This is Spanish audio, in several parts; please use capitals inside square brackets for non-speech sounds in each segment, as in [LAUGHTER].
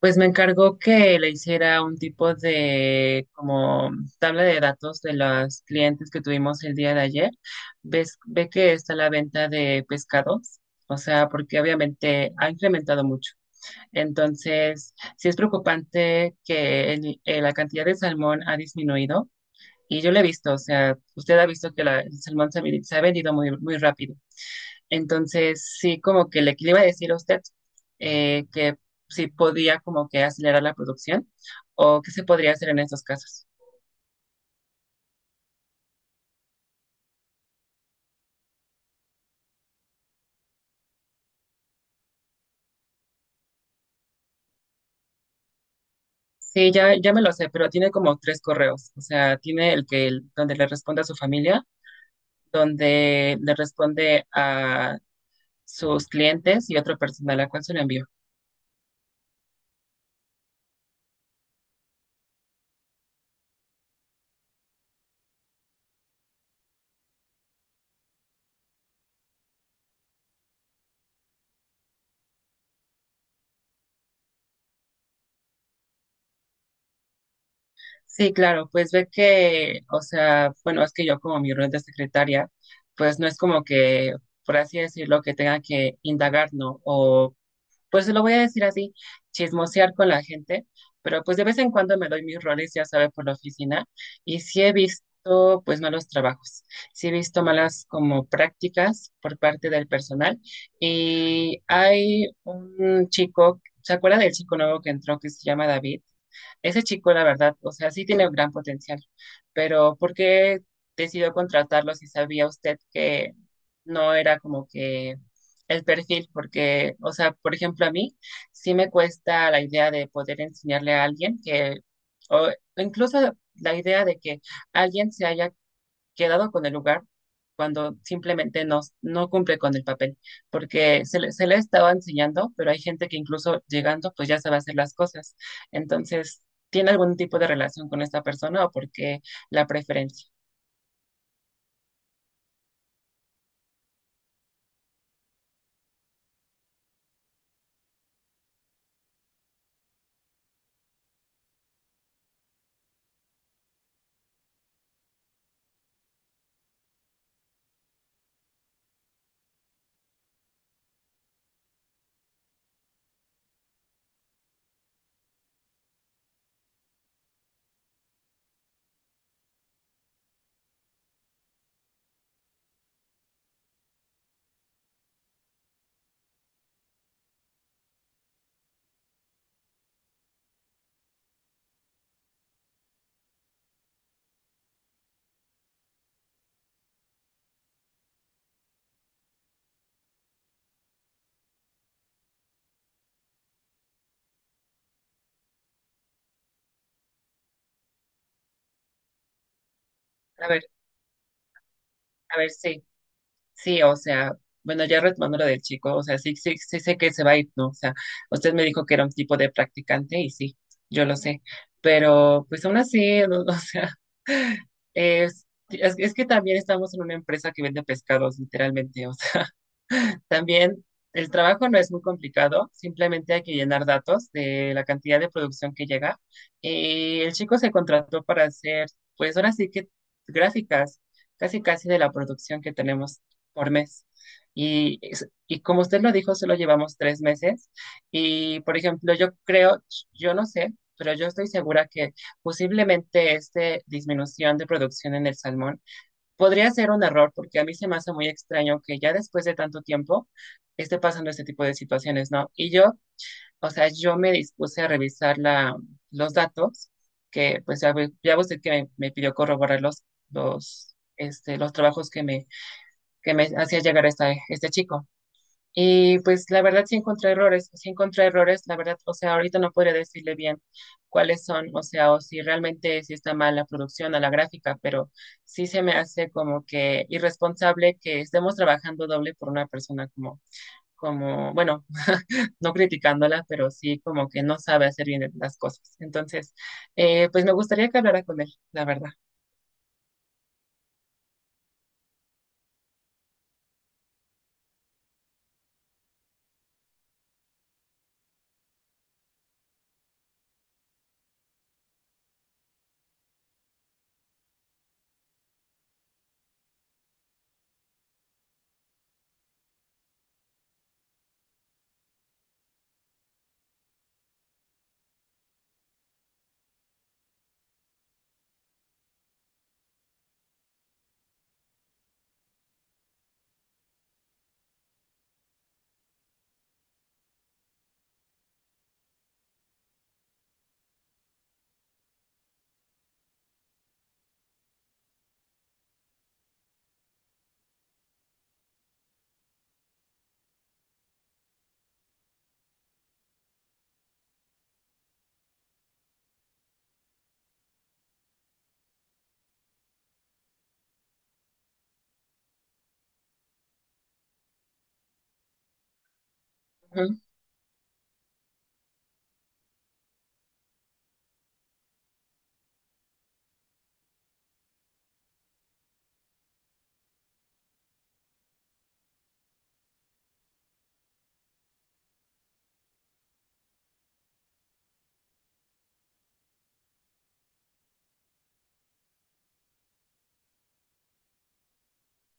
Pues me encargó que le hiciera un tipo de como tabla de datos de los clientes que tuvimos el día de ayer. Ves, ve que está la venta de pescados, o sea, porque obviamente ha incrementado mucho. Entonces, sí es preocupante que la cantidad de salmón ha disminuido. Y yo lo he visto, o sea, usted ha visto que el salmón se ha, se ha vendido muy, muy rápido. Entonces, sí, como que le iba a decir a usted que si podía como que acelerar la producción o qué se podría hacer en estos casos. Sí, ya, ya me lo sé, pero tiene como 3 correos. O sea, tiene el que donde le responde a su familia, donde le responde a sus clientes y otro personal a cual se lo envió. Sí, claro, pues ve que, o sea, bueno, es que yo como mi rol de secretaria, pues no es como que, por así decirlo, que tenga que indagar, ¿no? O pues lo voy a decir así, chismosear con la gente, pero pues de vez en cuando me doy mis roles, ya sabe, por la oficina, y sí he visto pues malos trabajos, sí he visto malas como prácticas por parte del personal, y hay un chico, ¿se acuerda del chico nuevo que entró que se llama David? Ese chico, la verdad, o sea, sí tiene un gran potencial, pero ¿por qué decidió contratarlo si sabía usted que no era como que el perfil, porque, o sea, por ejemplo, a mí sí me cuesta la idea de poder enseñarle a alguien que, o incluso la idea de que alguien se haya quedado con el lugar cuando simplemente no, no cumple con el papel, porque se le estaba enseñando, pero hay gente que incluso llegando, pues ya sabe hacer las cosas. Entonces, ¿tiene algún tipo de relación con esta persona o por qué la preferencia? A ver, a ver, sí. Sí, o sea, bueno, ya retomando lo del chico, o sea, sí, sí, sí sé que se va a ir, ¿no? O sea, usted me dijo que era un tipo de practicante y sí, yo lo sé, pero pues aún así, no, [LAUGHS] o sea, es que también estamos en una empresa que vende pescados, literalmente, o sea. También el trabajo no es muy complicado, simplemente hay que llenar datos de la cantidad de producción que llega. El chico se contrató para hacer, pues ahora sí que gráficas, casi casi de la producción que tenemos por mes. Y como usted lo dijo, solo llevamos 3 meses. Y por ejemplo, yo creo, yo no sé, pero yo estoy segura que posiblemente esta disminución de producción en el salmón podría ser un error, porque a mí se me hace muy extraño que ya después de tanto tiempo esté pasando este tipo de situaciones, ¿no? Y yo, o sea, yo me dispuse a revisar los datos, que pues ya, ya usted que me pidió corroborar los trabajos que me hacía llegar este chico. Y pues la verdad sí encontré errores, la verdad, o sea, ahorita no podría decirle bien cuáles son, o sea, o si realmente sí está mal la producción a la gráfica, pero sí se me hace como que irresponsable que estemos trabajando doble por una persona como, bueno, [LAUGHS] no criticándola, pero sí como que no sabe hacer bien las cosas. Entonces, pues me gustaría que hablara con él, la verdad.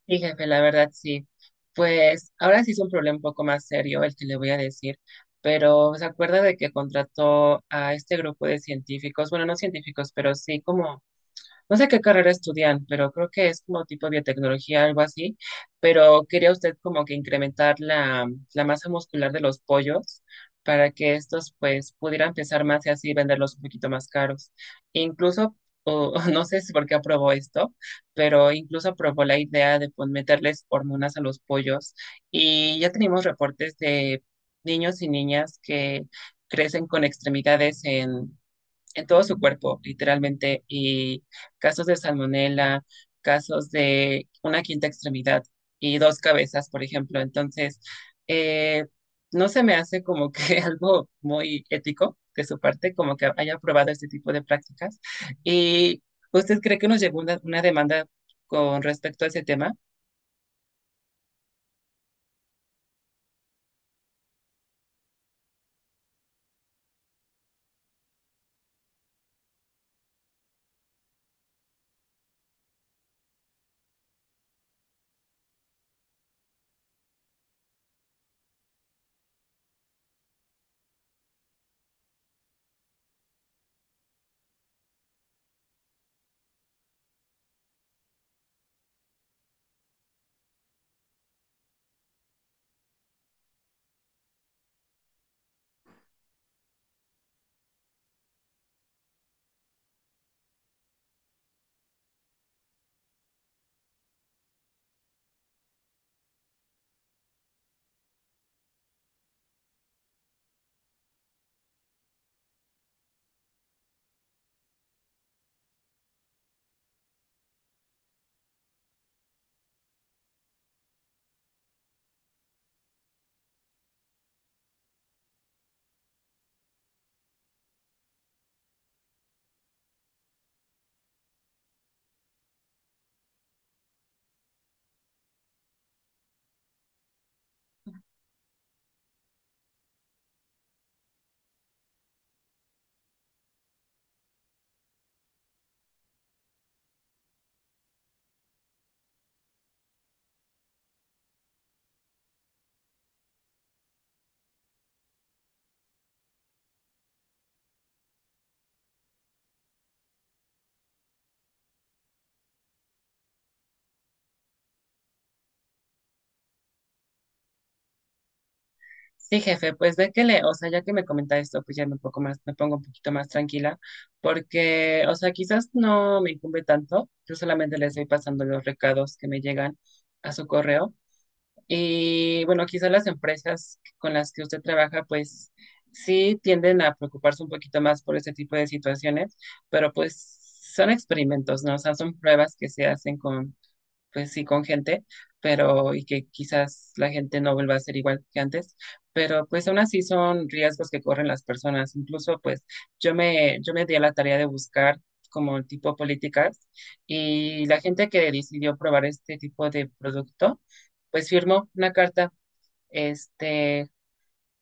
Sí, jefe, la verdad sí. Pues ahora sí es un problema un poco más serio el que le voy a decir, pero se acuerda de que contrató a este grupo de científicos, bueno, no científicos, pero sí como no sé qué carrera estudian, pero creo que es como tipo biotecnología, algo así, pero quería usted como que incrementar la masa muscular de los pollos para que estos pues pudieran pesar más y así venderlos un poquito más caros. Incluso, [LAUGHS] no sé si por qué aprobó esto, pero incluso aprobó la idea de pues, meterles hormonas a los pollos y ya tenemos reportes de niños y niñas que crecen con extremidades en todo su cuerpo, literalmente, y casos de salmonela, casos de una quinta extremidad y dos cabezas, por ejemplo. Entonces, eh, no se me hace como que [LAUGHS] algo muy ético de su parte, como que haya aprobado este tipo de prácticas. ¿Y usted cree que nos llegó una demanda con respecto a ese tema? Sí, jefe, pues ve que le, o sea, ya que me comenta esto, pues ya un poco más, me pongo un poquito más tranquila, porque, o sea, quizás no me incumbe tanto, yo solamente le estoy pasando los recados que me llegan a su correo. Y bueno, quizás las empresas con las que usted trabaja, pues sí tienden a preocuparse un poquito más por este tipo de situaciones, pero pues son experimentos, ¿no? O sea, son pruebas que se hacen pues sí, con gente, pero y que quizás la gente no vuelva a ser igual que antes, pero pues aún así son riesgos que corren las personas. Incluso pues yo me di a la tarea de buscar como tipo políticas y la gente que decidió probar este tipo de producto, pues firmó una carta. Este,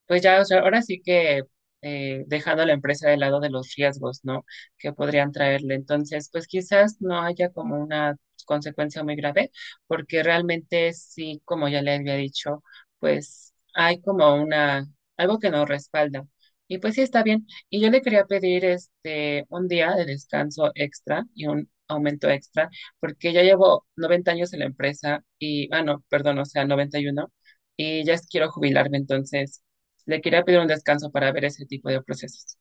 pues ya, o sea, ahora sí que dejando a la empresa de lado de los riesgos, ¿no? Que podrían traerle. Entonces, pues quizás no haya como una consecuencia muy grave, porque realmente sí, como ya le había dicho, pues hay como una, algo que nos respalda. Y pues sí, está bien. Y yo le quería pedir este, un día de descanso extra y un aumento extra, porque ya llevo 90 años en la empresa y, no, perdón, o sea, 91 y ya quiero jubilarme, entonces. Le quería pedir un descanso para ver ese tipo de procesos.